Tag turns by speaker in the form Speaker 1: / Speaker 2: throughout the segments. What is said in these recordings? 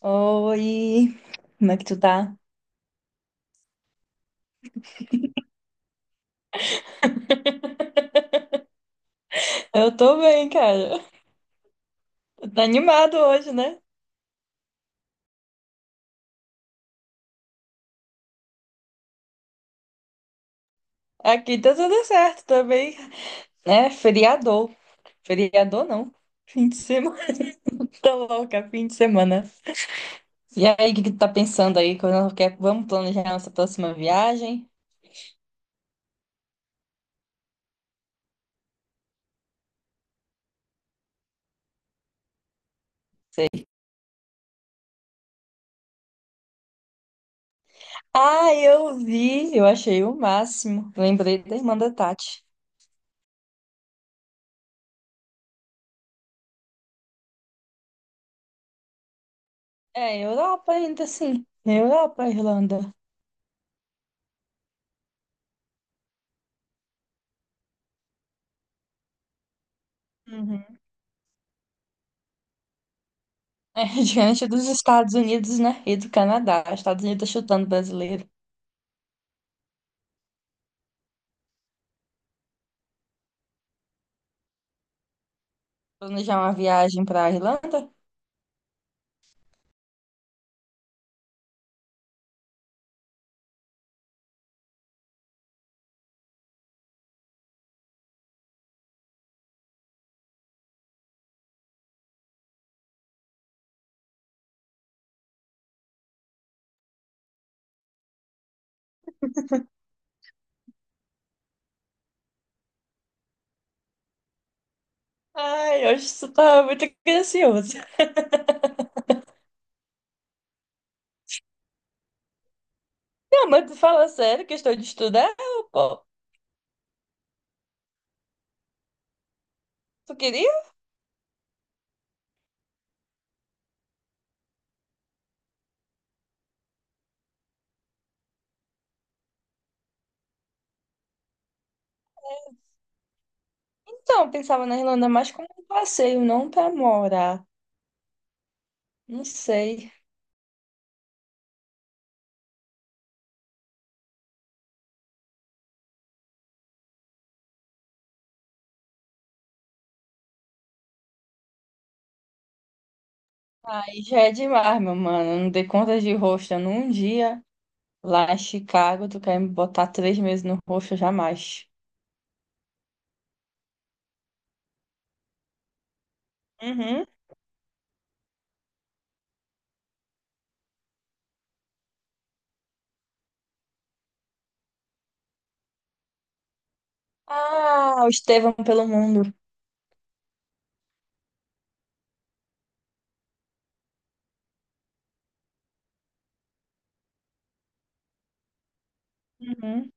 Speaker 1: Oi, como é que tu tá? Eu tô bem, cara. Tá animado hoje, né? Aqui tá tudo certo também. É, feriador. Feriador não. Fim de semana. Tô louca, fim de semana. E aí, o que que tu tá pensando aí? Quando quer, vamos planejar nossa próxima viagem? Ah, eu vi, eu achei o máximo. Lembrei da irmã da Tati. É, Europa ainda assim. Europa, Irlanda. É diante dos Estados Unidos, né? E do Canadá. Estados Unidos tá chutando brasileiro. Planejar uma viagem pra Irlanda? Ai, eu acho que isso tá muito gracioso. Não, mas tu fala sério, questão de estudar, pô. Tu queria? Então, eu pensava na Irlanda mais como um passeio, não pra morar. Não sei. Aí já é demais, meu mano. Eu não dei conta de rosto num dia. Lá em Chicago, tu quer me botar 3 meses no rosto, jamais. Uhum. Ah, o Estevão pelo mundo. Uhum.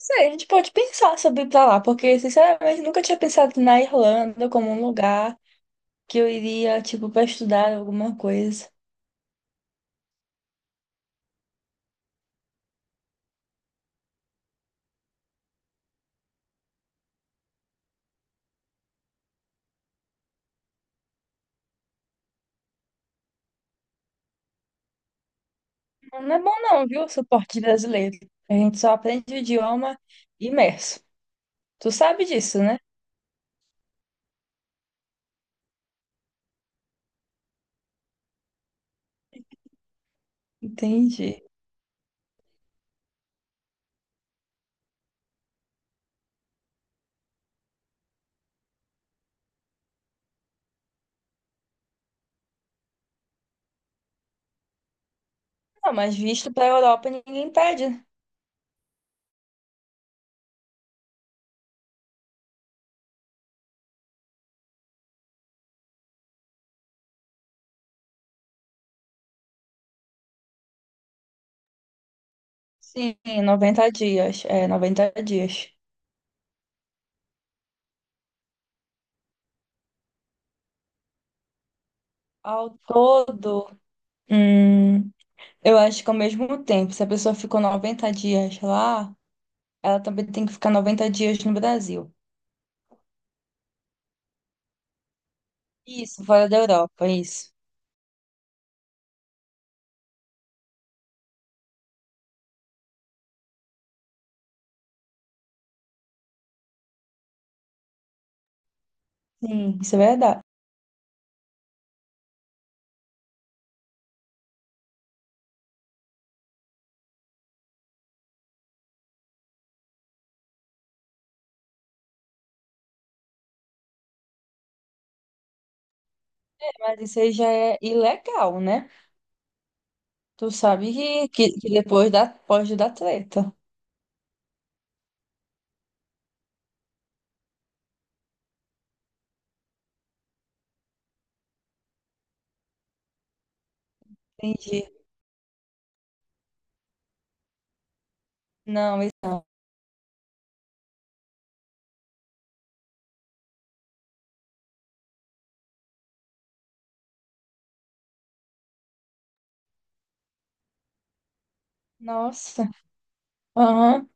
Speaker 1: Sei, a gente pode pensar sobre ir pra lá, porque, sinceramente, nunca tinha pensado na Irlanda como um lugar que eu iria, tipo, pra estudar alguma coisa. Não é bom não, viu, o suporte brasileiro. A gente só aprende o idioma imerso. Tu sabe disso, né? Entendi. Não, mas visto pra Europa ninguém pede. Sim, 90 dias. É, 90 dias. Ao todo, hum, eu acho que ao mesmo tempo, se a pessoa ficou 90 dias lá, ela também tem que ficar 90 dias no Brasil. Isso, fora da Europa, isso. Sim, isso é verdade. Mas isso aí já é ilegal, né? Tu sabe que depois pode dar treta. Entendi. Não, isso... Nossa. Aham.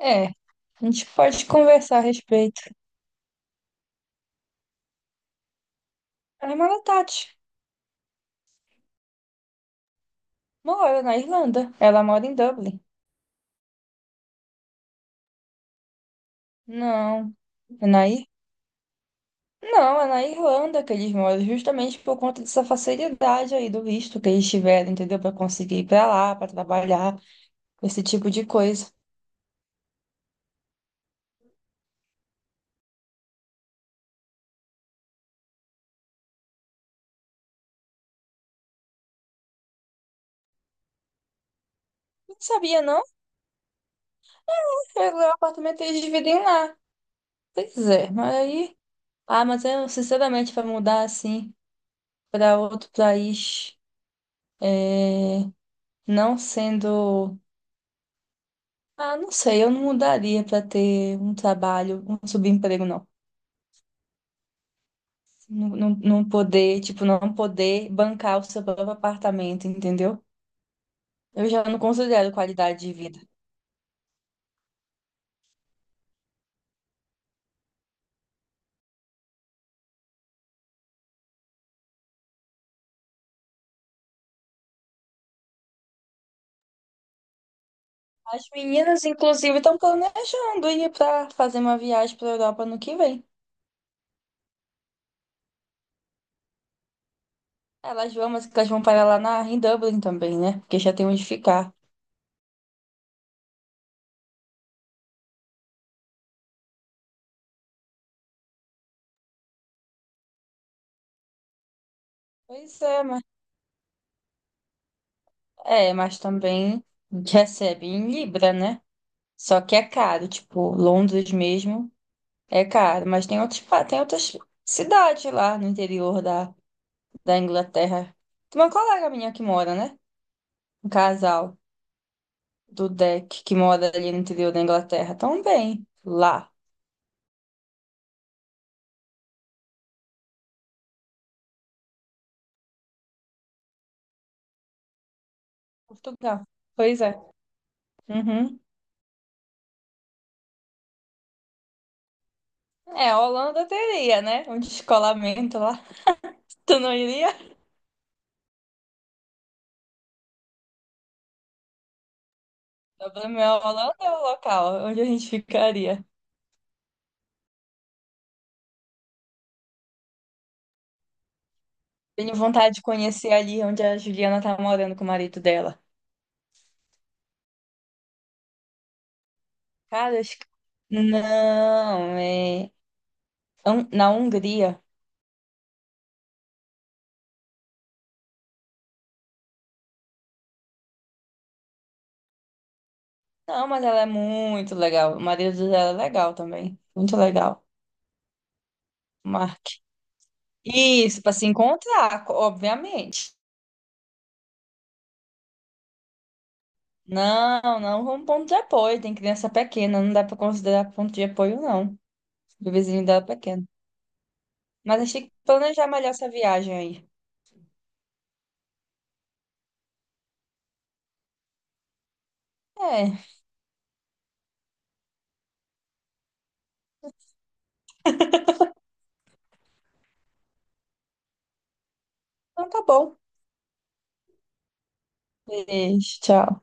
Speaker 1: É. A gente pode conversar a respeito. A irmã da Tati mora na Irlanda. Ela mora em Dublin. Não, é na Ir... Não, é na Irlanda que eles moram, justamente por conta dessa facilidade aí do visto que eles tiveram, entendeu? Para conseguir ir para lá, para trabalhar, esse tipo de coisa. Não sabia, não. Pegou o apartamento e eles dividem lá. Pois é, mas aí. Ah, mas eu, sinceramente, para mudar assim para outro país, é, não sendo. Ah, não sei, eu não mudaria para ter um trabalho, um subemprego, não. Não, não. Não poder, tipo, não poder bancar o seu próprio apartamento, entendeu? Eu já não considero qualidade de vida. As meninas, inclusive, estão planejando ir para fazer uma viagem para a Europa no que vem. Elas vão, mas elas vão parar lá em Dublin também, né? Porque já tem onde ficar. Pois é, mas também recebe em Libra, né? Só que é caro, tipo, Londres mesmo é caro, mas tem outros, tem outras cidades lá no interior da Inglaterra. Tem uma colega minha que mora, né? Um casal do deck que mora ali no interior da Inglaterra também, lá, Portugal. Pois é. Uhum. É, a Holanda teria, né? Um descolamento lá. Tu não iria? Dublin é o local onde a gente ficaria. Tenho vontade de conhecer ali onde a Juliana tá morando com o marido dela. Cara, acho que... Não, é... na Hungria. Não, mas ela é muito legal. O marido dela é legal também. Muito legal. Mark. Isso, para se encontrar, obviamente. Não, não como ponto de apoio. Tem criança pequena, não dá para considerar ponto de apoio, não. O vizinho dela é pequeno. Mas a gente tem que planejar melhor essa viagem aí. É, então tá bom. Beijo, tchau.